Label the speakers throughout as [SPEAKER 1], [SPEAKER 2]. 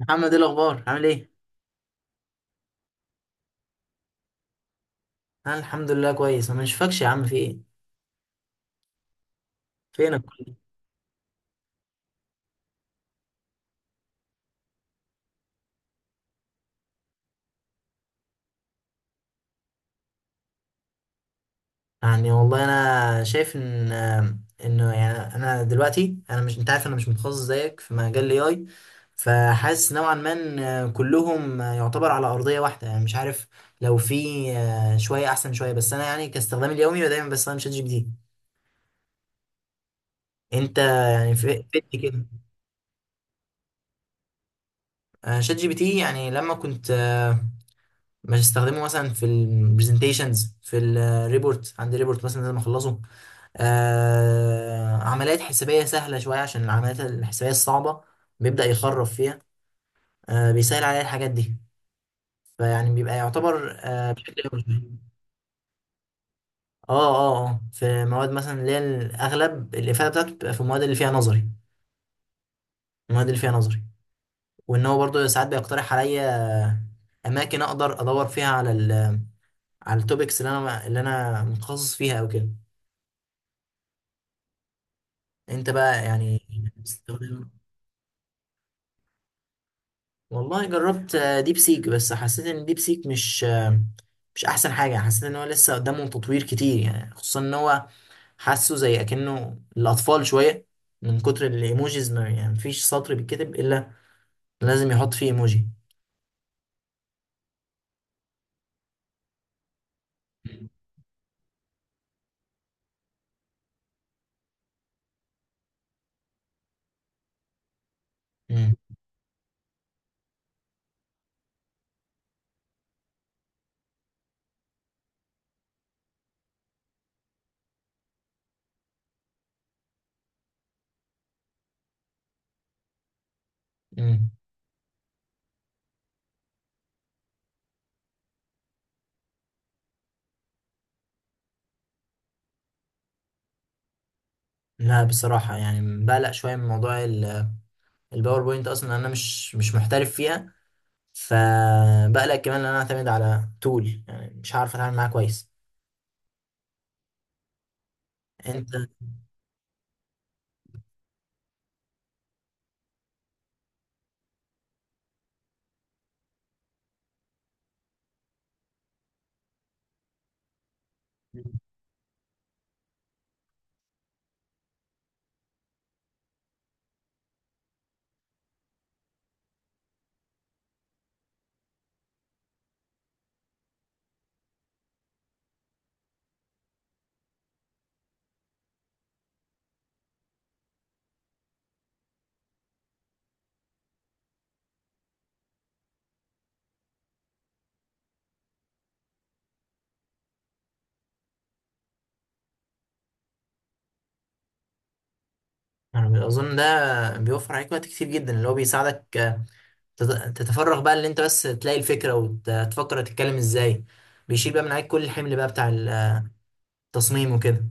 [SPEAKER 1] محمد، ايه الاخبار؟ عامل ايه؟ انا الحمد لله كويس. انا مش فاكش يا عم، في ايه؟ فينك كل ده؟ يعني والله انا شايف ان يعني انا دلوقتي، انا مش انت عارف، انا مش متخصص زيك في مجال الاي اي. فحاسس نوعا ما ان كلهم يعتبر على ارضيه واحده، يعني مش عارف. لو في شويه احسن شويه، بس انا يعني كاستخدامي اليومي دايما بستخدم شات جي بي تي. انت يعني في فدني كده. شات جي بي تي يعني لما كنت، مش هستخدمه مثلا في البرزنتيشنز، في الريبورت. عندي ريبورت مثلا لازم اخلصه. عمليات حسابيه سهله شويه، عشان العمليات الحسابيه الصعبه بيبدا يخرف فيها. بيسهل عليا الحاجات دي. فيعني بيبقى يعتبر بشكل أول. اه، اه، اه، في مواد مثلا اللي هي الاغلب الافاده بتاعته بتبقى في المواد اللي فيها نظري، المواد اللي فيها نظري. وان هو برضه ساعات بيقترح عليا اماكن اقدر ادور فيها على التوبكس اللي انا متخصص فيها او كده. انت بقى يعني بتستخدم؟ والله جربت، ديب سيك، بس حسيت ان ديب سيك مش، مش احسن حاجه. حسيت ان هو لسه قدامه تطوير كتير، يعني خصوصا ان هو حاسه زي اكنه الاطفال شويه، من كتر الايموجيز. ما يعني مفيش سطر بيتكتب الا لازم يحط فيه ايموجي. امم. امم. لا بصراحه، يعني بقلق شويه من موضوع الباوربوينت. اصلا انا مش محترف فيها. فبقلق كمان ان انا اعتمد على تول يعني مش عارف اتعامل معاه كويس. انت انا اظن ده بيوفر عليك وقت كتير جدا، اللي هو بيساعدك، تتفرغ بقى، اللي انت بس تلاقي الفكره وتفكر تتكلم ازاي. بيشيل بقى من عليك كل الحمل بقى بتاع التصميم وكده.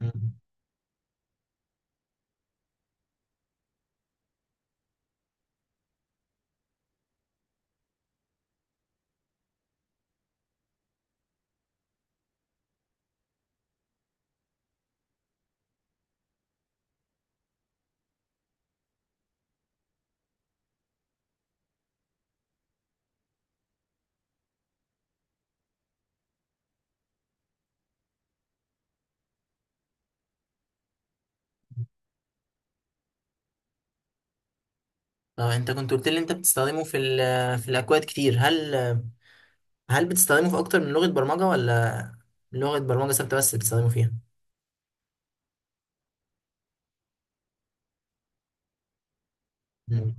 [SPEAKER 1] مم. اه، انت كنت قلت لي انت بتستخدمه في الاكواد كتير. هل بتستخدمه في اكتر من لغه برمجه، ولا لغه برمجه ثابته بس بتستخدمه فيها؟ مم.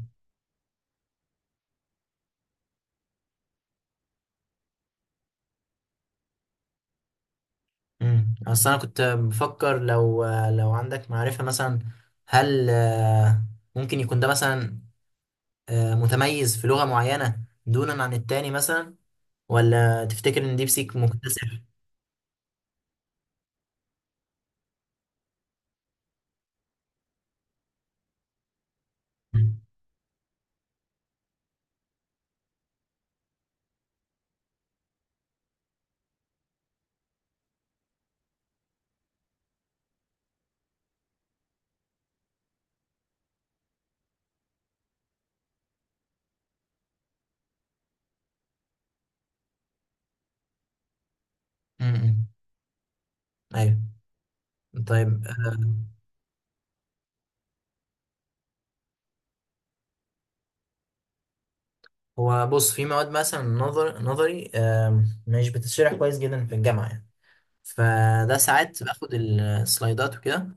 [SPEAKER 1] مم. اصل انا كنت بفكر، لو عندك معرفه مثلا، هل ممكن يكون ده مثلا متميز في لغة معينة دونا عن التاني مثلا، ولا تفتكر ان ديب سيك مكتسح؟ مم. مم. ايوه. طيب، هو بص، في مواد مثلا، نظري، مش بتتشرح كويس جدا في الجامعة يعني. فده ساعات باخد السلايدات وكده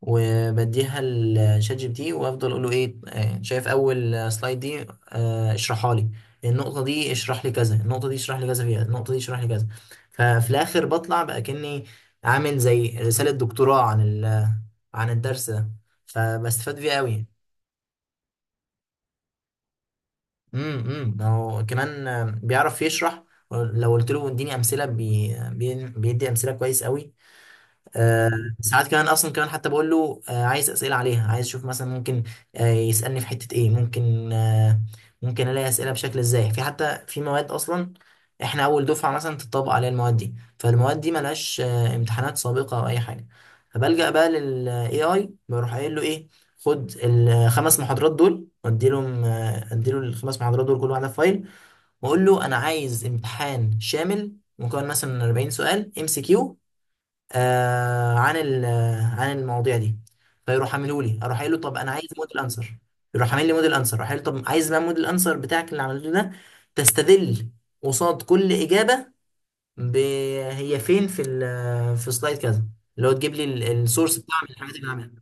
[SPEAKER 1] وبديها لشات جي بي تي وافضل اقول له ايه. شايف اول سلايد دي؟ اشرحها لي. النقطه دي اشرح لي كذا، النقطه دي اشرح لي كذا فيها، النقطه دي اشرح لي كذا. ففي الاخر بطلع بقى كاني عامل زي رساله دكتوراه عن الدرس ده. فبستفاد فيه قوي. امم. امم. هو كمان بيعرف يشرح. لو قلت له اديني امثله، بيدي امثله كويس قوي. آه، ساعات كمان اصلا كمان حتى بقول له عايز اسئله عليها، عايز اشوف مثلا ممكن، يسالني في حته ايه، ممكن الاقي اسئله بشكل ازاي، في حتى في مواد اصلا احنا اول دفعه مثلا تطبق عليها. المواد دي، فالمواد دي ملهاش امتحانات سابقه او اي حاجه. فبلجأ بقى للاي اي، بروح قايل له ايه، خد الخمس محاضرات دول. واديلهم آه، اديله الخمس محاضرات دول كل واحده في فايل، واقول له انا عايز امتحان شامل مكون مثلا من 40 سؤال ام سي كيو، آه عن ال- آه، عن المواضيع دي. فيروح عامله لي. اروح قايل له، طب انا عايز موديل انسر. يروح عامل لي موديل انسر. اروح قايل له، طب عايز بقى موديل انسر بتاعك اللي عملته ده تستدل قصاد كل اجابه ب... هي فين، في ال... آه، في سلايد كذا، اللي هو تجيب لي السورس بتاع من الحاجات اللي عملها.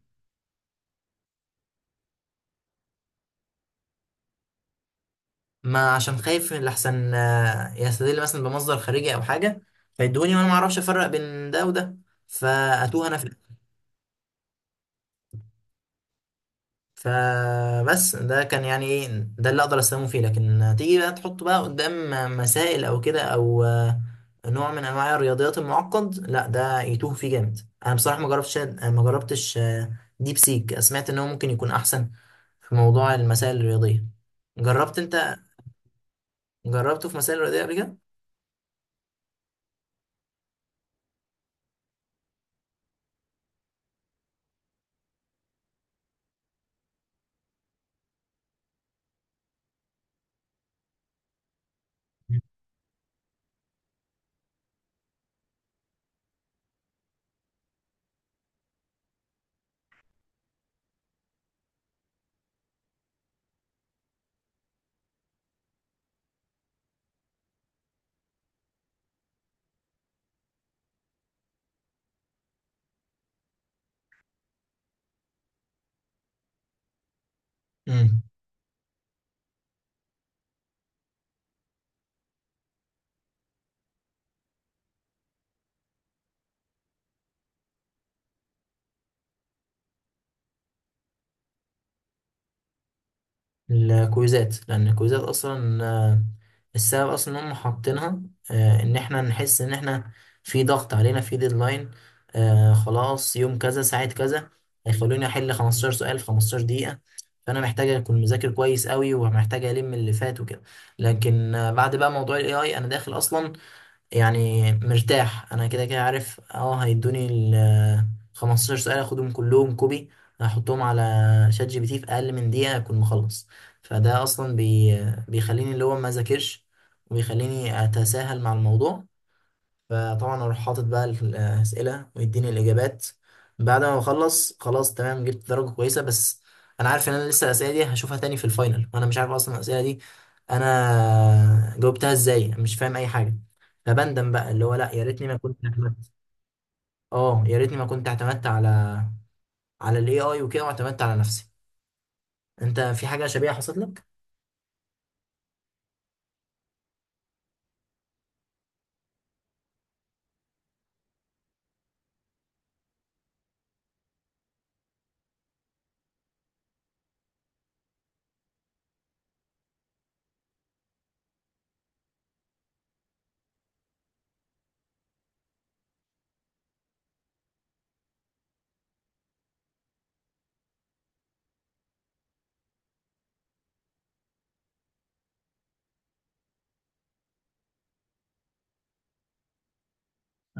[SPEAKER 1] ما عشان خايف لحسن يستدل مثلا بمصدر خارجي او حاجه، فيدوني وانا ما اعرفش افرق بين ده وده، فاتوه انا في. فبس ده كان يعني ايه، ده اللي اقدر استخدمه فيه. لكن تيجي بقى تحطه بقى قدام مسائل او كده، او نوع من انواع الرياضيات المعقد، لا، ده يتوه فيه جامد. انا بصراحه ما جربتش ديب سيك، سمعت ان هو ممكن يكون احسن في موضوع المسائل الرياضيه. جربت انت؟ جربته في مسائل رياضيه قبل كده؟ الكويزات، لان الكويزات اصلا، السبب اصلا ان هم حاطينها، ان احنا نحس ان احنا في ضغط علينا، في ديدلاين. خلاص يوم كذا ساعة كذا هيخلوني احل 15 سؤال في 15 دقيقة، فانا محتاج اكون مذاكر كويس قوي ومحتاج الم اللي فات وكده. لكن بعد بقى موضوع الاي اي انا داخل اصلا يعني مرتاح، انا كده كده عارف اه هيدوني ال 15 سؤال، اخدهم كلهم كوبي، هحطهم على شات جي بي تي، في اقل من دقيقه اكون مخلص. فده اصلا بيخليني اللي هو ما ذاكرش، وبيخليني اتساهل مع الموضوع. فطبعا اروح حاطط بقى الاسئله ويديني الاجابات. بعد ما بخلص، خلاص تمام، جبت درجه كويسه، بس انا عارف ان انا لسه الاسئله دي هشوفها تاني في الفاينل، وانا مش عارف اصلا الاسئله دي انا جاوبتها ازاي، مش فاهم اي حاجه. فبندم بقى اللي هو لا، يا ريتني ما كنت اعتمدت. اه، يا ريتني ما كنت اعتمدت على الاي اي وكده، واعتمدت على نفسي. انت في حاجه شبيهه حصلت لك؟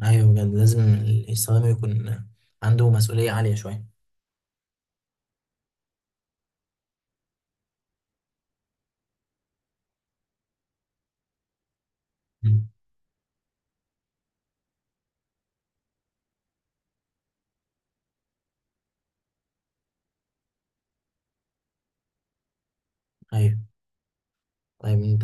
[SPEAKER 1] ايوه، بجد لازم السلام يكون عنده مسؤوليه عاليه شويه. أمم. ايوه. طيب، انت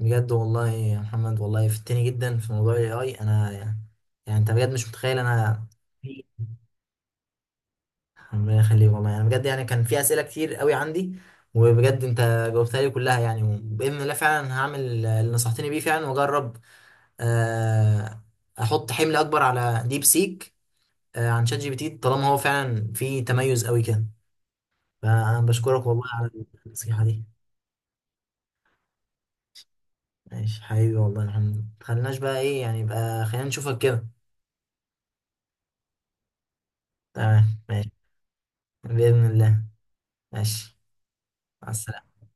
[SPEAKER 1] بجد والله يا محمد، والله فتني جدا في موضوع الاي اي. انا يعني، يعني انت بجد مش متخيل انا. ربنا يخليك والله، يعني بجد يعني كان في اسئله كتير قوي عندي، وبجد انت جاوبتها لي كلها. يعني باذن الله فعلا هعمل اللي نصحتني بيه فعلا، واجرب، آه، احط حمل اكبر على ديب سيك، عن شات جي بي تي، طالما هو فعلا في تميز قوي كده. فانا بشكرك والله على النصيحه دي. ماشي حبيبي، والله يا محمد متخليناش بقى، ايه يعني، يبقى خلينا نشوفك كده. تمام، ماشي. بإذن الله. ماشي. مع السلامة.